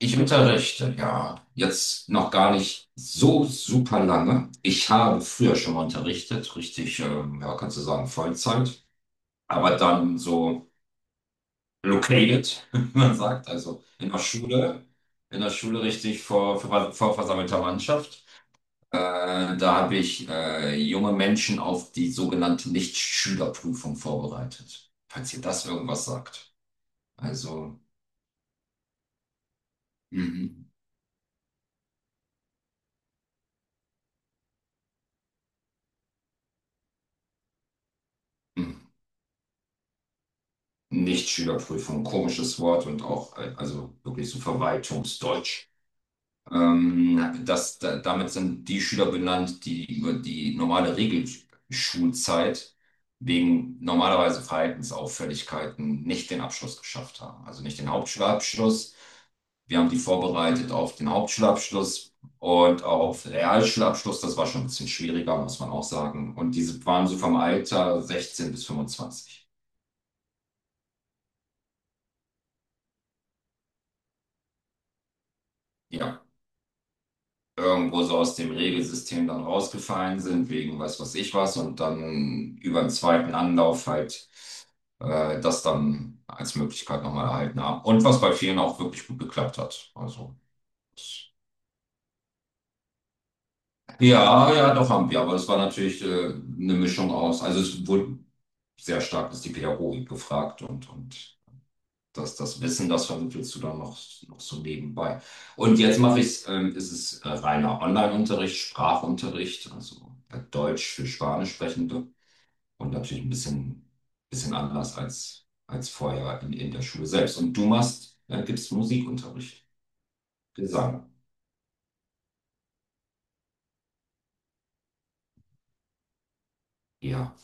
Ich unterrichte, ja, jetzt noch gar nicht so super lange. Ich habe früher schon mal unterrichtet, richtig, ja, kannst du sagen, Vollzeit, aber dann so located, wie man sagt, also in der Schule richtig vor versammelter Mannschaft. Da habe ich junge Menschen auf die sogenannte Nichtschülerprüfung vorbereitet, falls ihr das irgendwas sagt. Also, mhm. Mhm. Nicht Schülerprüfung, komisches Wort und auch, also wirklich so Verwaltungsdeutsch. Damit sind die Schüler benannt, die über die normale Regelschulzeit wegen normalerweise Verhaltensauffälligkeiten nicht den Abschluss geschafft haben. Also nicht den Hauptschulabschluss. Wir haben die vorbereitet auf den Hauptschulabschluss und auf Realschulabschluss. Das war schon ein bisschen schwieriger, muss man auch sagen. Und diese waren so vom Alter 16 bis 25. Ja, irgendwo so aus dem Regelsystem dann rausgefallen sind, wegen weiß was ich was, und dann über den zweiten Anlauf halt das dann als Möglichkeit nochmal erhalten haben. Und was bei vielen auch wirklich gut geklappt hat. Also, ja, ja, doch haben wir, aber es war natürlich eine Mischung aus, also es wurde sehr stark ist die Pädagogik gefragt und das, das Wissen, das vermittelst du dann noch, noch so nebenbei. Und jetzt mache ich ist es reiner Online-Unterricht, Sprachunterricht, also Deutsch für Spanischsprechende und natürlich ein bisschen anders als, als vorher in der Schule selbst. Und du machst, gibst Musikunterricht, Gesang. Ja.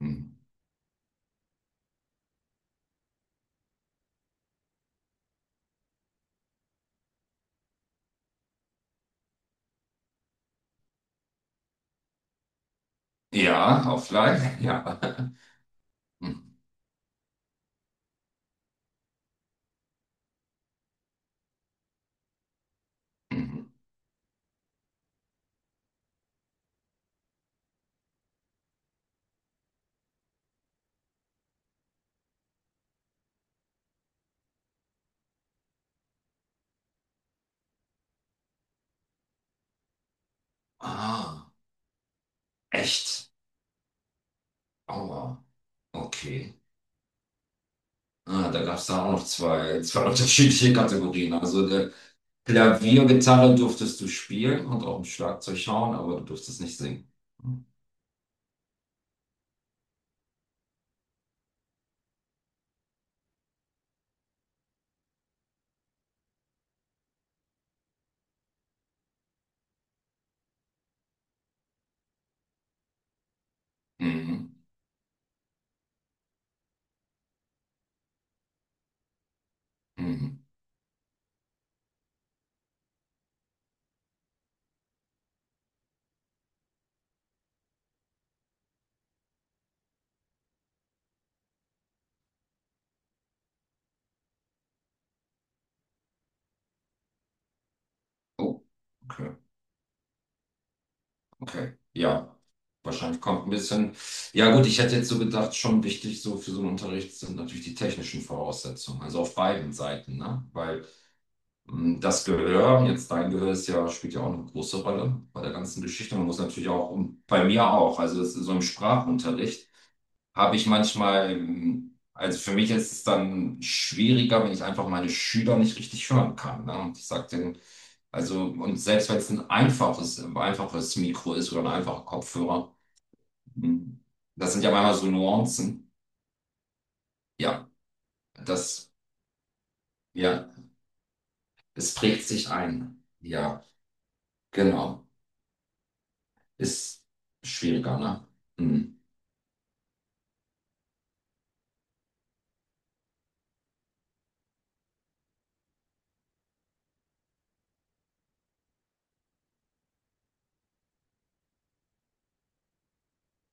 Hm. Ja, offline, ja. Hm, mhm. Ah, echt? Aua, okay. Ah, da gab es da auch noch zwei unterschiedliche Kategorien. Also der, Klavier, Gitarre durftest du spielen und auch im Schlagzeug schauen, aber du durftest nicht singen. Mhm. Mhm. Oh, okay, okay. Ja, wahrscheinlich kommt ein bisschen. Ja, gut, ich hätte jetzt so gedacht, schon wichtig so für so einen Unterricht sind natürlich die technischen Voraussetzungen, also auf beiden Seiten, ne? Weil das Gehör, jetzt dein Gehör ist ja, spielt ja auch eine große Rolle bei der ganzen Geschichte. Man muss natürlich auch, und bei mir auch, also das ist so im Sprachunterricht. Habe ich manchmal, also für mich ist es dann schwieriger, wenn ich einfach meine Schüler nicht richtig hören kann. Ne? Und ich sage denen, also, und selbst wenn es ein einfaches Mikro ist oder ein einfacher Kopfhörer, mh, das sind ja manchmal so Nuancen. Ja, das, ja, es prägt sich ein. Ja, genau. Ist schwieriger, ne? Mhm.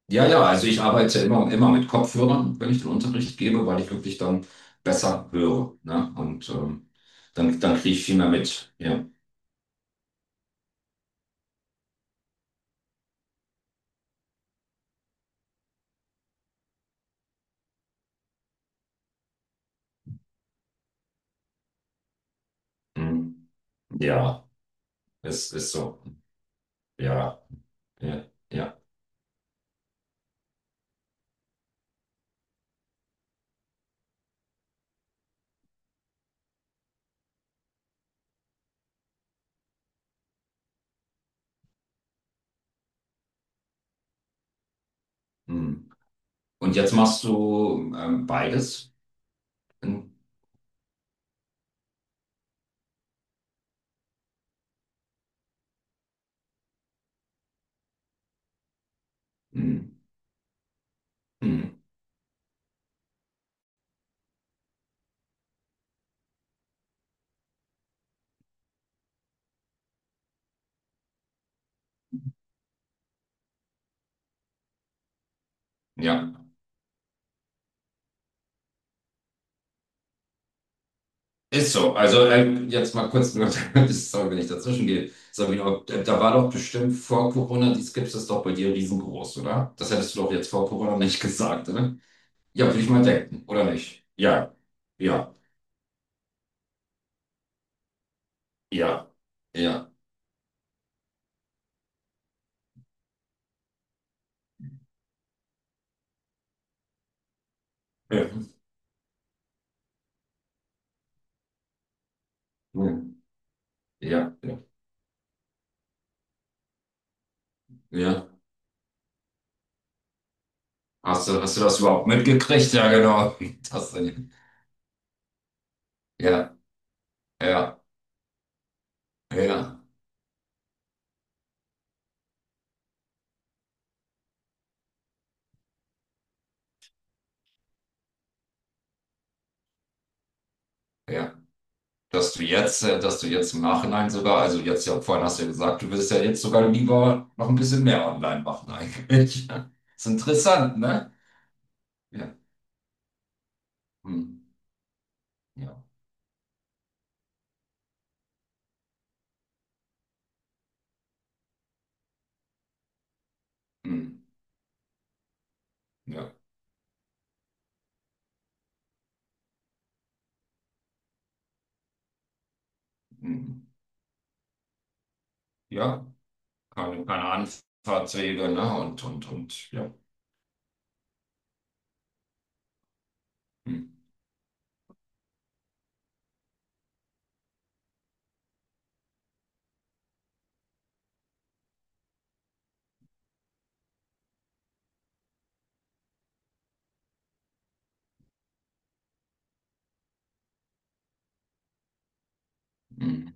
Ja, ja, also ich arbeite ja immer, immer mit Kopfhörern, wenn ich den Unterricht gebe, weil ich wirklich dann besser höre, ne? Und dann, dann kriege ich viel mehr mit. Ja, hm, ja, es ist so. Ja, ja, ja. Hm. Und jetzt machst du beides? Hm. Hm. Hm. Ja, ist so. Also jetzt mal kurz, sorry, wenn ich dazwischen gehe. Sabine, da war doch bestimmt vor Corona, die Skips ist doch bei dir riesengroß, oder? Das hättest du doch jetzt vor Corona nicht gesagt. Ja, würde ich mal denken, oder nicht? Ja, ja, ja, ja, ja, ja, ja, ja. Hast du das überhaupt mitgekriegt? Ja, genau. Das, denn- ja, ja, ja, ja. Dass du jetzt im Nachhinein sogar, also jetzt ja, vorhin hast du ja gesagt, du würdest ja jetzt sogar lieber noch ein bisschen mehr online machen eigentlich. Ist interessant, ne? Ja, hm, ja, hm, ja, hm, ja. Keine, keine Anfahrtswege, ne? Und, ja. Hm. Hm.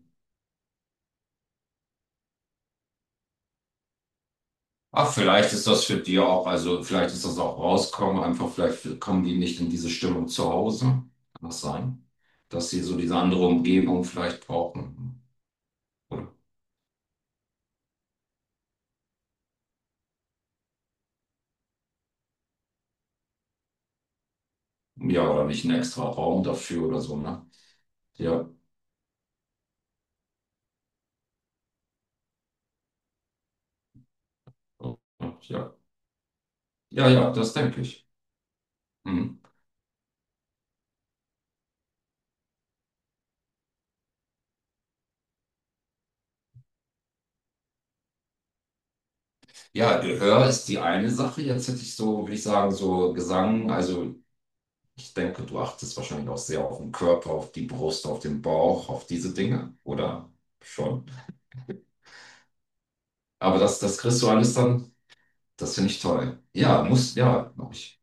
Ach, vielleicht ist das für die auch, also vielleicht ist das auch rauskommen, einfach vielleicht kommen die nicht in diese Stimmung zu Hause. Kann das sein? Dass sie so diese andere Umgebung vielleicht brauchen. Oder, ja, oder nicht einen extra Raum dafür oder so, ne? Ja, ja, ja, ja, ja, das denke ich. Hm. Ja, Gehör ist die eine Sache. Jetzt hätte ich so, würde ich sagen, so Gesang. Also ich denke, du achtest wahrscheinlich auch sehr auf den Körper, auf die Brust, auf den Bauch, auf diese Dinge, oder schon? Aber das, das kriegst du alles dann. Das finde ich toll. Ja, muss, ja, hab ich.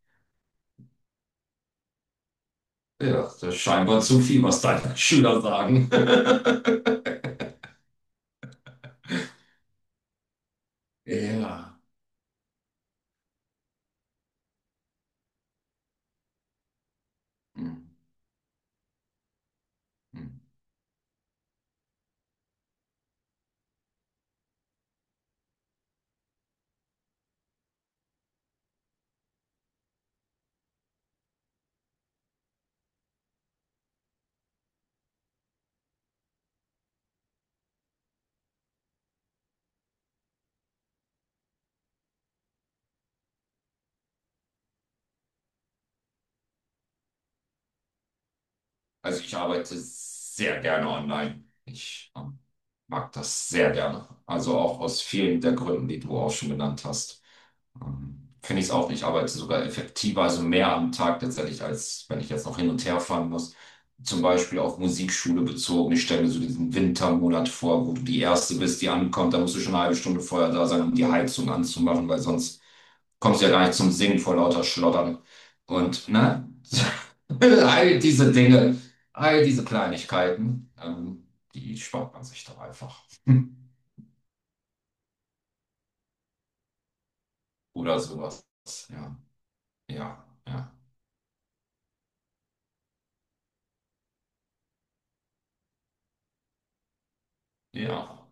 Ja, das ist scheinbar zu viel, was deine Schüler sagen. Ja. Hm, hm. Also ich arbeite sehr gerne online. Ich mag das sehr gerne. Also auch aus vielen der Gründen, die du auch schon genannt hast. Finde ich es auch. Ich arbeite sogar effektiver, also mehr am Tag tatsächlich, als wenn ich jetzt noch hin und her fahren muss. Zum Beispiel auf Musikschule bezogen. Ich stelle mir so diesen Wintermonat vor, wo du die Erste bist, die ankommt. Da musst du schon eine halbe Stunde vorher da sein, um die Heizung anzumachen, weil sonst kommst du ja gar nicht zum Singen vor lauter Schlottern. Und, ne? All diese Dinge, all diese Kleinigkeiten, die spart man sich doch einfach. Oder sowas. Ja, ja, ja, ja.